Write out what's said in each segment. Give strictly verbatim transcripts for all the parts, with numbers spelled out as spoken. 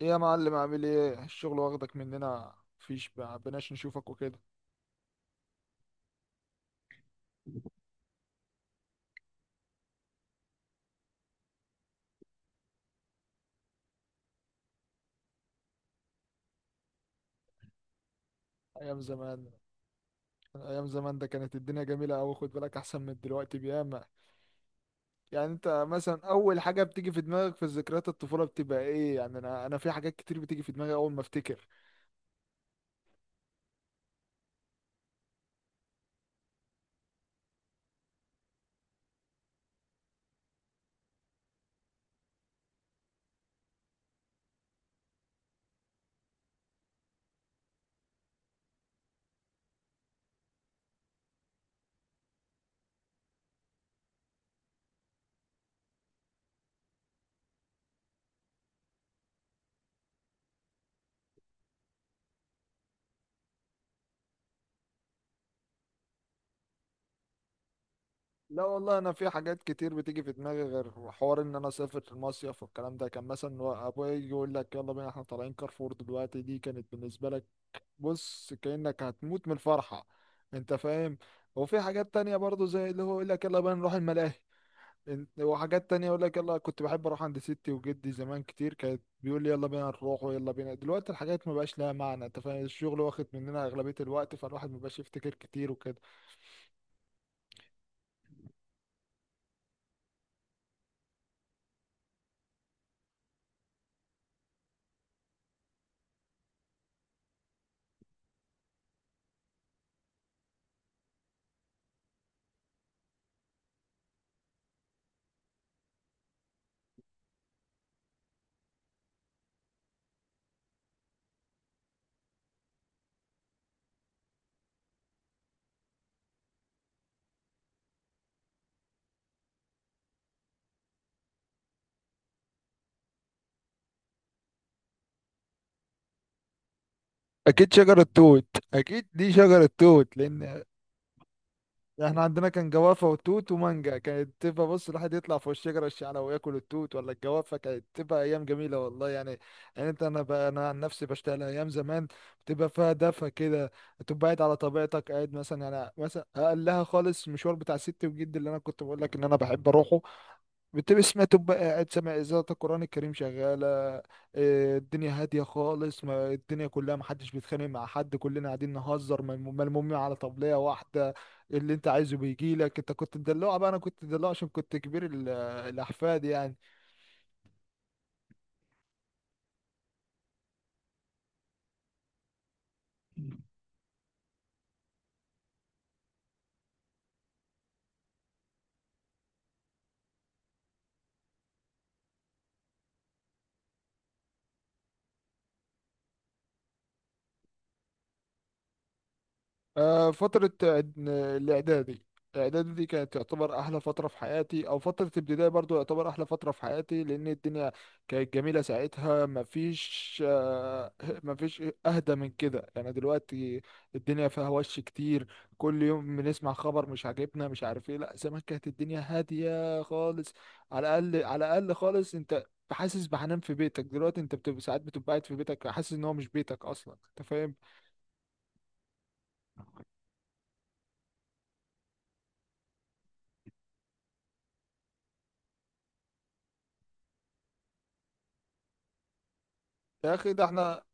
ايه يا معلم، عامل ايه؟ الشغل واخدك مننا، مفيش بقى- بقناش نشوفك وكده. ايام زمان. ايام زمان ده كانت الدنيا جميله قوي، خد بالك احسن من دلوقتي بياما. يعني انت مثلا اول حاجه بتيجي في دماغك في ذكريات الطفوله بتبقى ايه؟ يعني انا انا في حاجات كتير بتيجي في دماغي اول ما افتكر. لا والله، انا في حاجات كتير بتيجي في دماغي غير حوار ان انا اسافر في المصيف، والكلام ده. كان مثلا ابويا يجي يقول لك يلا بينا احنا طالعين كارفور دلوقتي، دي كانت بالنسبه لك بص كأنك هتموت من الفرحة، انت فاهم. وفي حاجات تانية برضو زي اللي هو يقول لك يلا بقى نروح الملاهي. انت- وحاجات تانية يقول لك يلا، كنت بحب اروح عند ستي وجدي زمان كتير، كانت بيقول لي يلا بينا نروح ويلا بينا. دلوقتي الحاجات ما بقاش لها معنى، انت فاهم، الشغل واخد مننا اغلبية الوقت، فالواحد ما بقاش يفتكر كتير وكده. اكيد شجرة توت. اكيد دي شجرة توت، لان احنا عندنا كان جوافة وتوت ومانجا، كانت تبقى بص الواحد يطلع فوق الشجرة الشعلة وياكل التوت ولا الجوافة. كانت تبقى أيام جميلة والله. يعني يعني أنت، أنا بقى أنا عن نفسي بشتغل، أيام زمان بتبقى فيها دفى كده، تبقى قاعد على طبيعتك. قاعد مثلا، يعني مثلا أقلها خالص المشوار بتاع ست وجد اللي أنا كنت بقول لك إن أنا بحب أروحه، بتبقى سمعت، تبقى قاعد سامع إذاعة القرآن الكريم شغالة. آه، الدنيا هادية خالص، ما الدنيا كلها محدش بيتخانق مع حد، كلنا قاعدين نهزر، ملم- ملمومين على طبلية واحدة، اللي انت عايزه بيجيلك. انت كنت تدلوع، بقى انا كنت تدلوع عشان كنت كبير ال- الأحفاد يعني. آه، فترة إعد- الإعدادي. الإعدادي دي كانت تعتبر أحلى فترة في حياتي، أو فترة ابتدائي برضو يعتبر أحلى فترة في حياتي، لأن الدنيا كانت جميلة ساعتها. مفيش آه، مفيش أهدى من كده يعني. دلوقتي الدنيا فيها وش كتير، كل يوم بنسمع خبر مش عاجبنا، مش عارف إيه. لأ، زمان كانت الدنيا هادية خالص. على الأقل، على الأقل خالص، أنت حاسس بحنان في بيتك. دلوقتي أنت بتبقى ساعات بتبقى قاعد في بيتك حاسس إن هو مش بيتك أصلا، أنت فاهم؟ يا اخي ده احنا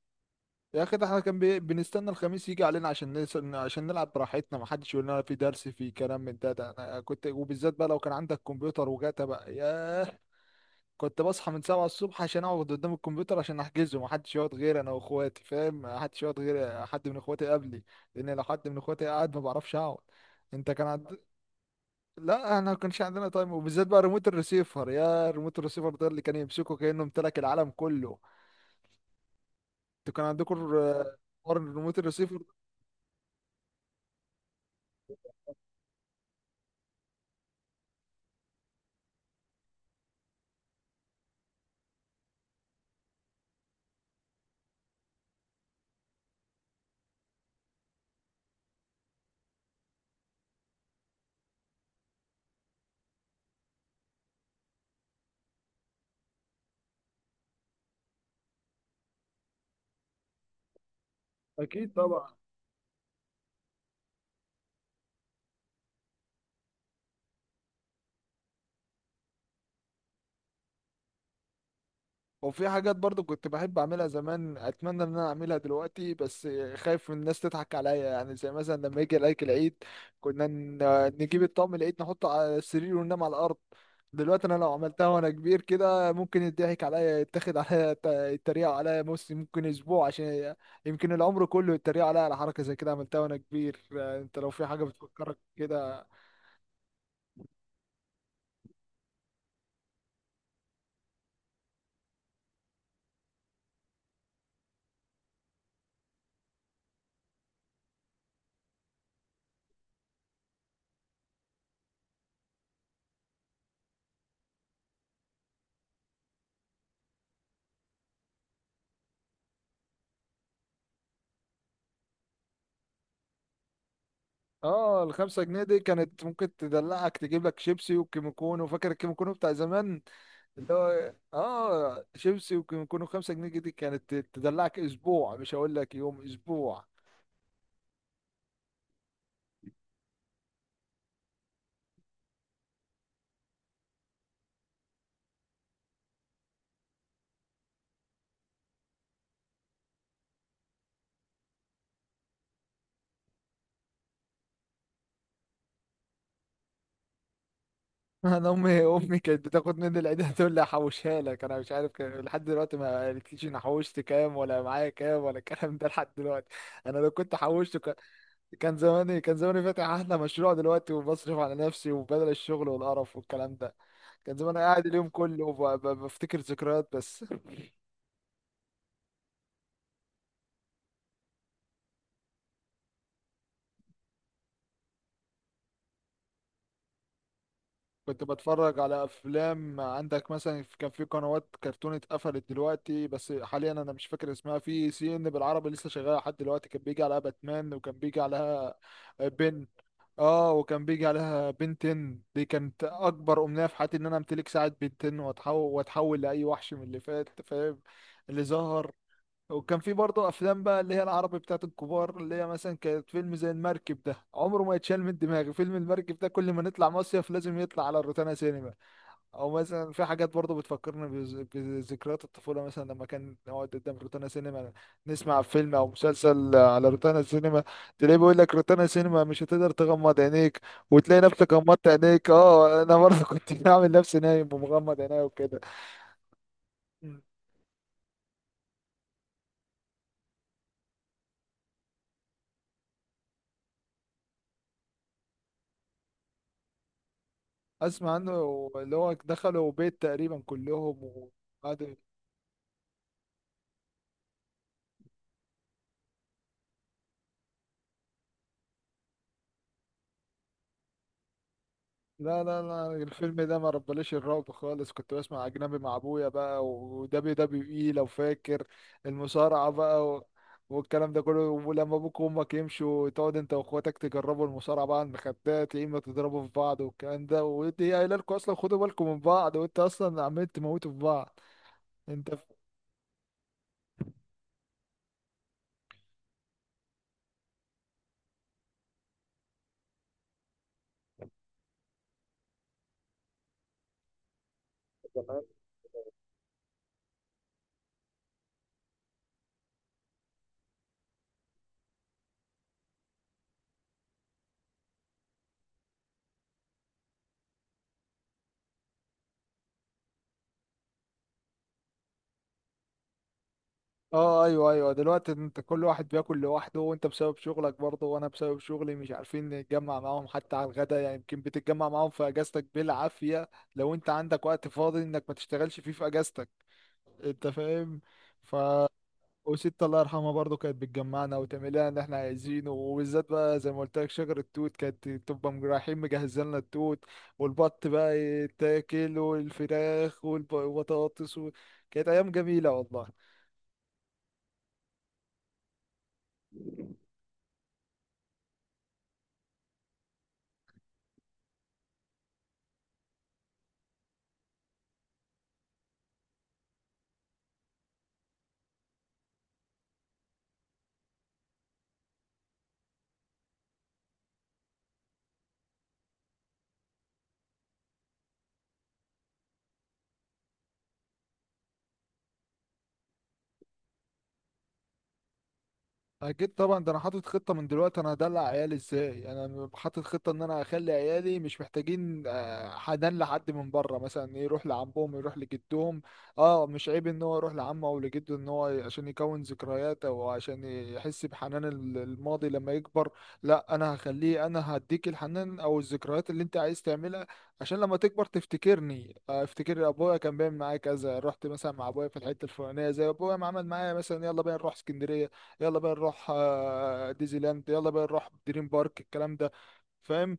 يا اخي ده احنا كان بي- بنستنى الخميس يجي علينا عشان نس... عشان نلعب براحتنا، ما حدش يقول لنا في درس، في كلام من ده ده انا كنت، وبالذات بقى لو كان عندك كمبيوتر وجاتا بقى ياه. كنت بصحى من سبعة الصبح عشان اقعد قدام الكمبيوتر عشان احجزه، ما حدش يقعد غير انا واخواتي، فاهم؟ ما حدش يقعد غير حد من اخواتي قبلي، لان لو حد من اخواتي قاعد ما بعرفش اقعد. انت كان عند... لا، انا ما كانش عندنا تايم، وبالذات بقى ريموت الريسيفر. يا ريموت الريسيفر ده، اللي كان يمسكه كانه امتلك العالم كله. انتوا كان عندكم ال- حوار الريموت الريسيفر. اكيد طبعا. وفي حاجات برضو كنت بحب اعملها زمان، اتمنى ان انا اعملها دلوقتي بس خايف من الناس تضحك عليا، يعني زي مثلا لما يجي عليك العيد. كنا ن- نجيب الطقم العيد نحطه على السرير وننام على الارض. دلوقتي انا لو عملتها وانا كبير كده ممكن يضحك عليا، يتاخد عليا، ت- يتريقوا عليا. بص ممكن اسبوع عشان يمكن العمر كله يتريقوا عليا على حركة زي كده عملتها وانا كبير. انت لو في حاجة بتفكرك كده. اه، الخمسة جنيه دي كانت ممكن تدلعك، تجيب لك شيبسي وكيمو كونو. فاكر الكيمو كونو بتاع زمان؟ اللي هو اه شيبسي. وكان يكونوا خمسة جنيه، دي كانت تدلعك اسبوع، مش هقول لك يوم، اسبوع. انا امي امي كانت بتاخد مني العيدية تقول لي احوشها لك، انا مش عارف كان- لحد دلوقتي ما قالتليش انا حوشت كام ولا معايا كام ولا الكلام ده لحد دلوقتي. انا لو كنت حوشت كان، كان زماني، كان زماني فاتح احلى مشروع دلوقتي، وبصرف على نفسي وبدل الشغل والقرف والكلام ده. كان زماني قاعد اليوم كله وب- ب- بفتكر ذكريات بس. كنت بتفرج على افلام، عندك مثلا كان في قنوات كرتون اتقفلت دلوقتي، بس حاليا انا مش فاكر اسمها، في سي ان بالعربي لسه شغاله لحد دلوقتي، كان بيجي عليها باتمان، وكان بيجي عليها آه، بن. اه وكان بيجي عليها بنتن، دي كانت اكبر امنيه في حياتي ان انا امتلك ساعه بنتن واتحول، واتحول لاي وحش من اللي فات، فاهم؟ اللي ظهر. وكان في برضه افلام بقى، اللي هي العربي بتاعت الكبار، اللي هي مثلا كانت فيلم زي المركب، ده عمره ما يتشال من دماغي. فيلم المركب ده كل ما نطلع مصيف لازم يطلع على الروتانا سينما. او مثلا في حاجات برضه بتفكرني بز- بذكريات الطفوله، مثلا لما كان نقعد قدام روتانا سينما نسمع فيلم او مسلسل على روتانا سينما، تلاقيه بيقول لك روتانا سينما مش هتقدر تغمض عينيك، وتلاقي نفسك غمضت عينيك. اه، انا برضه كنت بعمل نفسي نايم ومغمض عينيا وكده. اسمع عنه. اللي هو دخلوا بيت تقريبا كلهم، وقعدوا. لا لا لا، الفيلم ده ما ربليش الرعب خالص. كنت بسمع اجنبي مع ابويا بقى، ودبليو دبليو اي لو فاكر، المصارعه بقى، و... والكلام ده كله. ولما ابوك وامك يمشوا، تقعد انت واخواتك تجربوا المصارعه بقى على المخدات، يا اما تضربوا في بعض والكلام ده، ودي قايله لكم اصلا خدوا بالكم من بعض، وانت اصلا عمال تموتوا في بعض. انت. اه ايوه ايوه. دلوقتي انت كل واحد بياكل لوحده، وانت بسبب شغلك برضه وانا بسبب شغلي مش عارفين نتجمع معاهم حتى على الغدا، يعني يمكن بتتجمع معاهم في اجازتك بالعافية، لو انت عندك وقت فاضي انك ما تشتغلش فيه في اجازتك، انت فاهم. ف، وست الله يرحمها برضه كانت بتجمعنا وتعمل لنا اللي احنا عايزينه، وبالذات بقى زي ما قلت لك شجر التوت، كانت تبقى م- رايحين مجهزين لنا التوت، والبط بقى يتاكل، والفراخ والبطاطس. و... كانت ايام جميلة والله. اكيد طبعا. ده انا حاطط خطه من دلوقتي انا هدلع عيالي ازاي. يعني انا حاطط خطه ان انا اخلي عيالي مش محتاجين آه، حنان لحد من بره، مثلا يروح لعمهم، يروح لجدهم. اه مش عيب ان هو يروح لعمه او لجده، ان هو ي- عشان يكون ذكريات او عشان يحس بحنان ال- الماضي لما يكبر. لا، انا هخليه، انا هديك الحنان او الذكريات اللي انت عايز تعملها عشان لما تكبر تفتكرني. آه، افتكر ابويا كان بيعمل معايا كذا، رحت مثلا مع ابويا في الحته الفلانيه، زي ابويا ما عمل معايا مثلا يلا بينا نروح اسكندريه، يلا بقى نروح آه، ديزني لاند، يلا بقى نروح دريم بارك، الكلام ده، فاهم.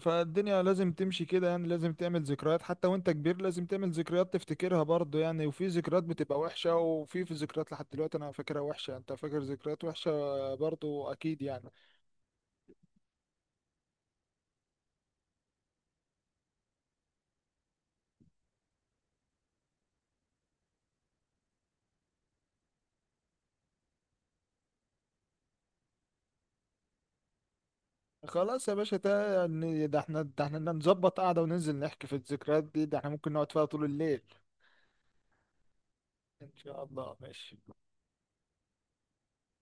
فالدنيا لازم تمشي كده، يعني لازم تعمل ذكريات حتى وانت كبير، لازم تعمل ذكريات تفتكرها برضه يعني. وفي ذكريات بتبقى وحشة، وفي في ذكريات لحد دلوقتي انا فاكرها وحشة. انت فاكر ذكريات وحشة برضه اكيد يعني. خلاص يا باشا، ده يعني ده احنا ده احنا نظبط قعدة وننزل نحكي في الذكريات دي، ده احنا ممكن نقعد فيها طول الليل. ان شاء الله، ماشي.